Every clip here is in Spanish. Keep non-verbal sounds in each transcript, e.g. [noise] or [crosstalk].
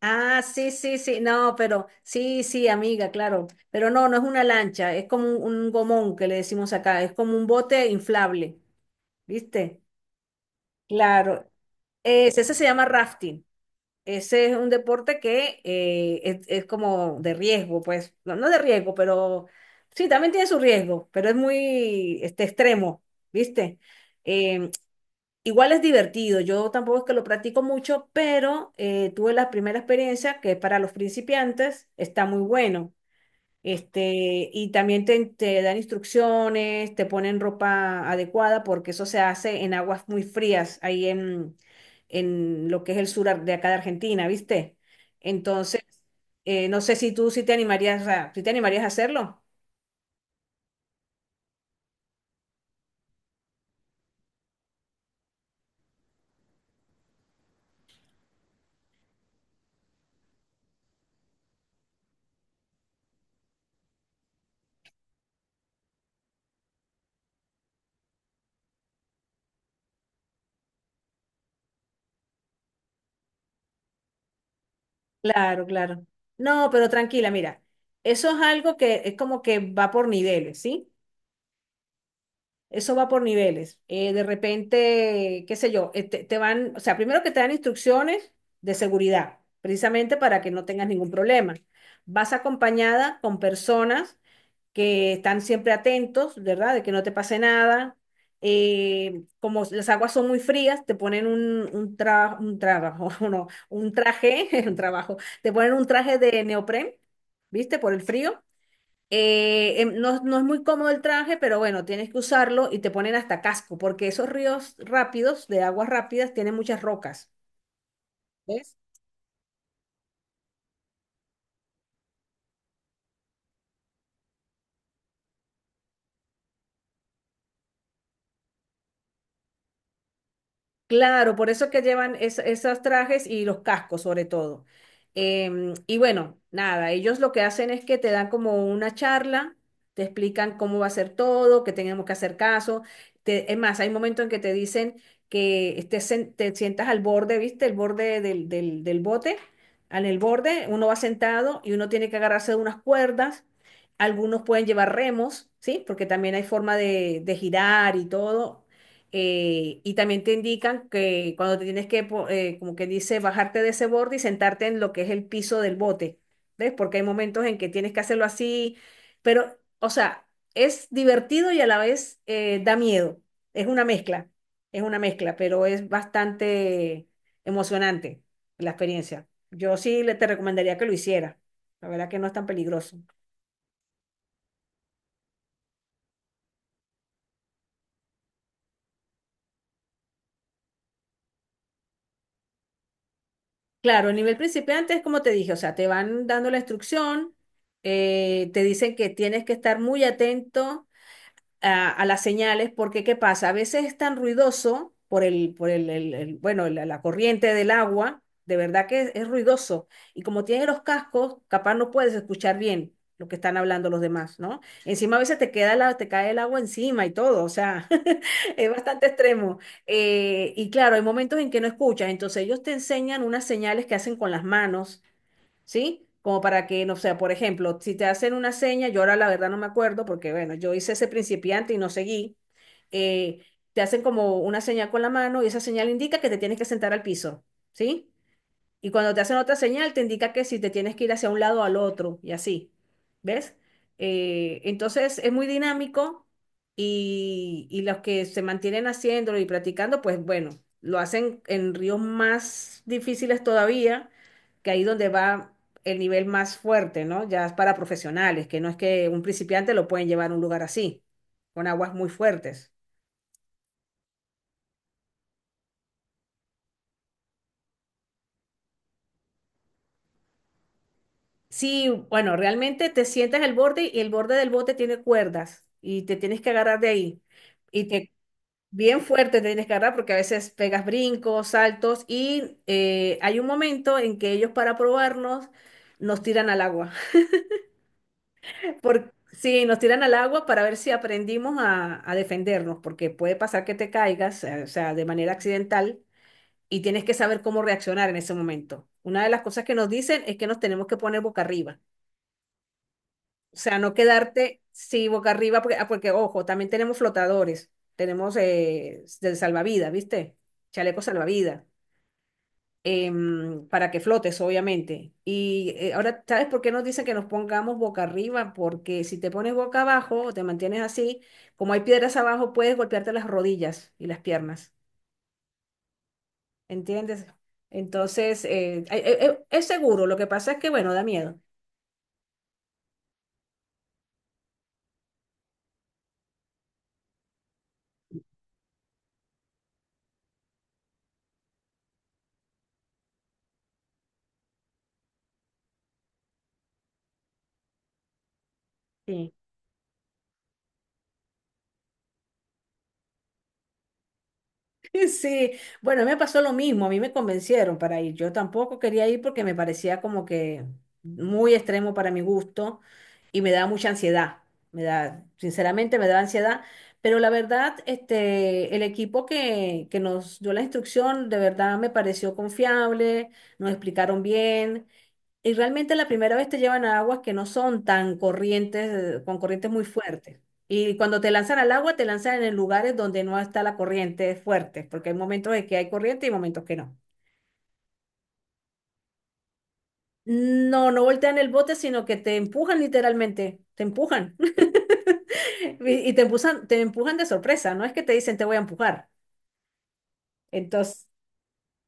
Ah, sí, sí, sí, no, pero sí, sí, amiga, claro, pero no, no es una lancha, es como un gomón que le decimos acá, es como un bote inflable, ¿viste? Claro, ese se llama rafting, ese es un deporte que es como de riesgo, pues, no, no de riesgo, pero sí, también tiene su riesgo, pero es muy este, extremo, ¿viste? Em, Igual es divertido, yo tampoco es que lo practico mucho, pero tuve la primera experiencia que para los principiantes está muy bueno. Este, y también te dan instrucciones, te ponen ropa adecuada, porque eso se hace en aguas muy frías, ahí en lo que es el de acá de Argentina, ¿viste? Entonces, no sé si tú sí si te animarías a hacerlo. Claro, claro. No, pero tranquila, mira, eso es algo que es como que va por niveles, ¿sí? Eso va por niveles. De repente, qué sé yo, te van, o sea, primero que te dan instrucciones de seguridad, precisamente para que no tengas ningún problema. Vas acompañada con personas que están siempre atentos, ¿verdad? De que no te pase nada. Como las aguas son muy frías, te ponen un trabajo, [laughs] no, un traje, [laughs] un trabajo, te ponen un traje de neopren, ¿viste? Por el frío no, no es muy cómodo el traje, pero bueno, tienes que usarlo y te ponen hasta casco, porque esos ríos rápidos, de aguas rápidas, tienen muchas rocas. ¿Ves? Claro, por eso es que llevan esos trajes y los cascos sobre todo. Em, y bueno, nada, ellos lo que hacen es que te dan como una charla, te explican cómo va a ser todo, que tenemos que hacer caso. Es más, hay momentos en que te dicen que te sientas al borde, ¿viste? El borde del bote, en el borde, uno va sentado y uno tiene que agarrarse de unas cuerdas. Algunos pueden llevar remos, ¿sí? Porque también hay forma de girar y todo y también te indican que cuando te tienes como que dice, bajarte de ese borde y sentarte en lo que es el piso del bote, ¿ves? Porque hay momentos en que tienes que hacerlo así, pero, o sea, es divertido y a la vez da miedo. Es una mezcla, es una mezcla, pero es bastante emocionante la experiencia. Yo sí le te recomendaría que lo hiciera. La verdad que no es tan peligroso. Claro, a nivel principiante es como te dije, o sea, te van dando la instrucción, te dicen que tienes que estar muy atento a las señales, porque ¿qué pasa? A veces es tan ruidoso por bueno, la corriente del agua, de verdad que es ruidoso. Y como tienes los cascos, capaz no puedes escuchar bien lo que están hablando los demás, ¿no? Encima a veces te cae el agua encima y todo, o sea, [laughs] es bastante extremo. Y claro, hay momentos en que no escuchas, entonces ellos te enseñan unas señales que hacen con las manos, ¿sí? Como para que, no sé, por ejemplo, si te hacen una seña, yo ahora la verdad no me acuerdo porque, bueno, yo hice ese principiante y no seguí, eh, te hacen como una señal con la mano y esa señal indica que te tienes que sentar al piso, ¿sí? Y cuando te hacen otra señal, te indica que si te tienes que ir hacia un lado o al otro, y así. ¿Ves? Entonces es muy dinámico y los que se mantienen haciéndolo y practicando, pues bueno, lo hacen en ríos más difíciles todavía, que ahí donde va el nivel más fuerte, ¿no? Ya es para profesionales, que no es que un principiante lo pueden llevar a un lugar así, con aguas muy fuertes. Sí, bueno, realmente te sientas en el borde y el borde del bote tiene cuerdas y te tienes que agarrar de ahí. Y te bien fuerte te tienes que agarrar porque a veces pegas brincos, saltos y hay un momento en que ellos para probarnos nos tiran al agua. [laughs] Por- sí, nos tiran al agua para ver si aprendimos a defendernos porque puede pasar que te caigas, o sea, de manera accidental y tienes que saber cómo reaccionar en ese momento. Una de las cosas que nos dicen es que nos tenemos que poner boca arriba. O sea, no quedarte, sí, boca arriba, porque, ah, porque ojo, también tenemos flotadores, tenemos del salvavidas, ¿viste? Chaleco salvavidas, em, para que flotes, obviamente. Y ahora, ¿sabes por qué nos dicen que nos pongamos boca arriba? Porque si te pones boca abajo o te mantienes así, como hay piedras abajo, puedes golpearte las rodillas y las piernas, ¿entiendes? Entonces, es seguro, lo que pasa es que, bueno, da miedo. Sí. [laughs] Sí, bueno, me pasó lo mismo, a mí me convencieron para ir, yo tampoco quería ir porque me parecía como que muy extremo para mi gusto y me daba mucha ansiedad, me da, sinceramente me daba ansiedad, pero la verdad, este, el equipo que nos dio la instrucción de verdad me pareció confiable, nos explicaron bien, y realmente la primera vez te llevan a aguas que no son tan corrientes, con corrientes muy fuertes. Y cuando te lanzan al agua, te lanzan en lugares donde no está la corriente fuerte, porque hay momentos en que hay corriente y momentos que no. No, no voltean el bote, sino que te empujan literalmente, te empujan. [laughs] Y te empujan de sorpresa, no es que te dicen te voy a empujar. Entonces,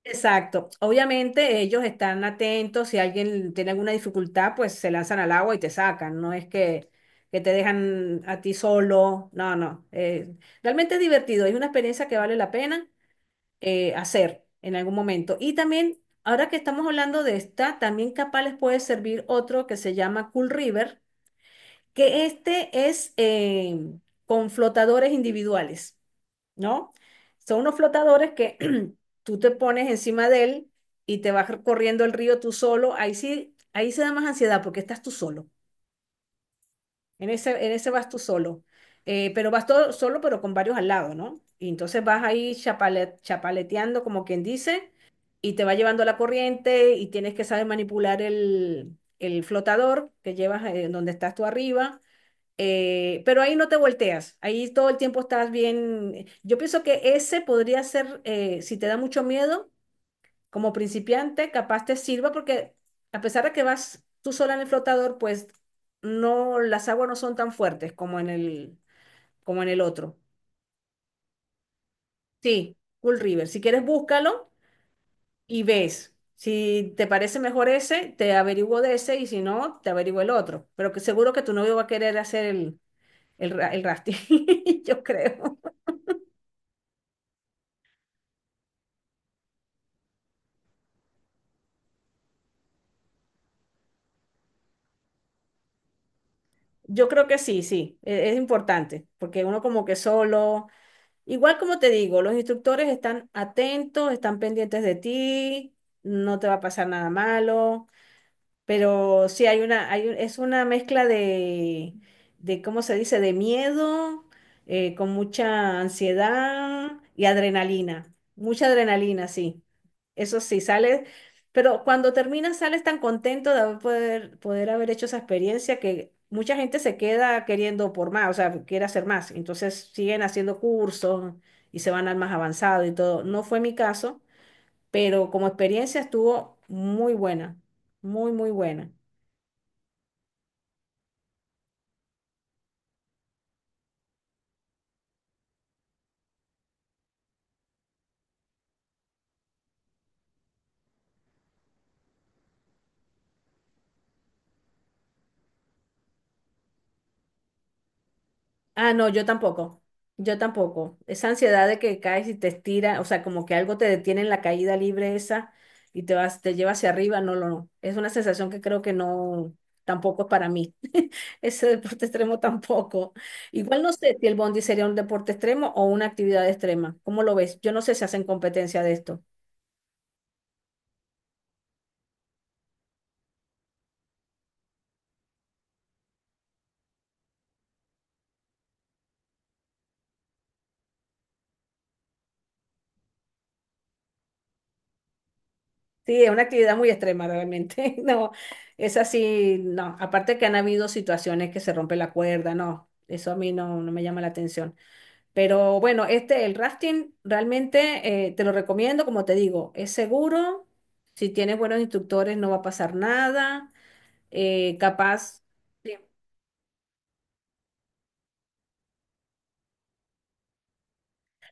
exacto. Obviamente ellos están atentos, si alguien tiene alguna dificultad, pues se lanzan al agua y te sacan, no es que te dejan a ti solo, no, no. Eh, realmente es divertido, es una experiencia que vale la pena hacer en algún momento. Y también, ahora que estamos hablando de esta, también capaz les puede servir otro que se llama Cool River, que este es con flotadores individuales, ¿no? Son unos flotadores que [clears throat] tú te pones encima de él y te vas corriendo el río tú solo. Ahí sí, ahí se da más ansiedad porque estás tú solo. En ese vas tú solo. Pero vas todo solo, pero con varios al lado, ¿no? Y entonces vas ahí chapaleteando, como quien dice, y te va llevando la corriente y tienes que saber manipular el flotador que llevas donde estás tú arriba, pero ahí no te volteas, ahí todo el tiempo estás bien. Yo pienso que ese podría ser, si te da mucho miedo, como principiante, capaz te sirva porque a pesar de que vas tú sola en el flotador, pues no, las aguas no son tan fuertes como en el otro. Sí, Cool River. Si quieres, búscalo y ves. Si te parece mejor ese, te averiguo de ese y si no, te averiguo el otro. Pero que seguro que tu novio va a querer hacer el rafting, [laughs] yo creo. Yo creo que sí, sí, es importante, porque uno como que solo, igual como te digo, los instructores están atentos, están pendientes de ti, no te va a pasar nada malo. Pero sí, hay una, hay, un- es una mezcla ¿cómo se dice? De miedo, con mucha ansiedad y adrenalina. Mucha adrenalina, sí. Eso sí, sales, pero cuando terminas sales tan contento de haber poder haber hecho esa experiencia que mucha gente se queda queriendo por más, o sea, quiere hacer más. Entonces siguen haciendo cursos y se van al más avanzado y todo. No fue mi caso, pero como experiencia estuvo muy buena, muy, muy buena. Ah, no, yo tampoco. Yo tampoco. Esa ansiedad de que caes y te estira, o sea, como que algo te detiene en la caída libre esa y te vas, te lleva hacia arriba, no, no, no. Es una sensación que creo que no, tampoco es para mí. [laughs] Ese deporte extremo tampoco. Igual no sé si el bondi sería un deporte extremo o una actividad extrema. ¿Cómo lo ves? Yo no sé si hacen competencia de esto. Sí, es una actividad muy extrema realmente. [laughs] No, es así, no. Aparte que han habido situaciones que se rompe la cuerda, no. Eso a mí no, no me llama la atención. Pero bueno, este, el rafting realmente te lo recomiendo, como te digo, es seguro. Si tienes buenos instructores no va a pasar nada. Eh, capaz. Sí.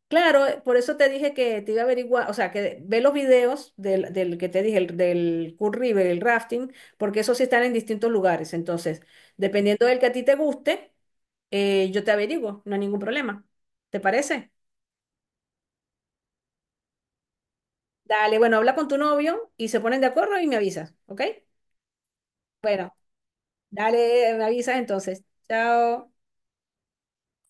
Claro, por eso te dije que te iba a averiguar, o sea, que ve los videos del que te dije, del Cool River, el rafting, porque esos sí están en distintos lugares. Entonces, dependiendo del que a ti te guste, yo te averiguo, no hay ningún problema. ¿Te parece? Dale, bueno, habla con tu novio y se ponen de acuerdo y me avisas, ¿ok? Bueno. Dale, me avisas entonces. Chao.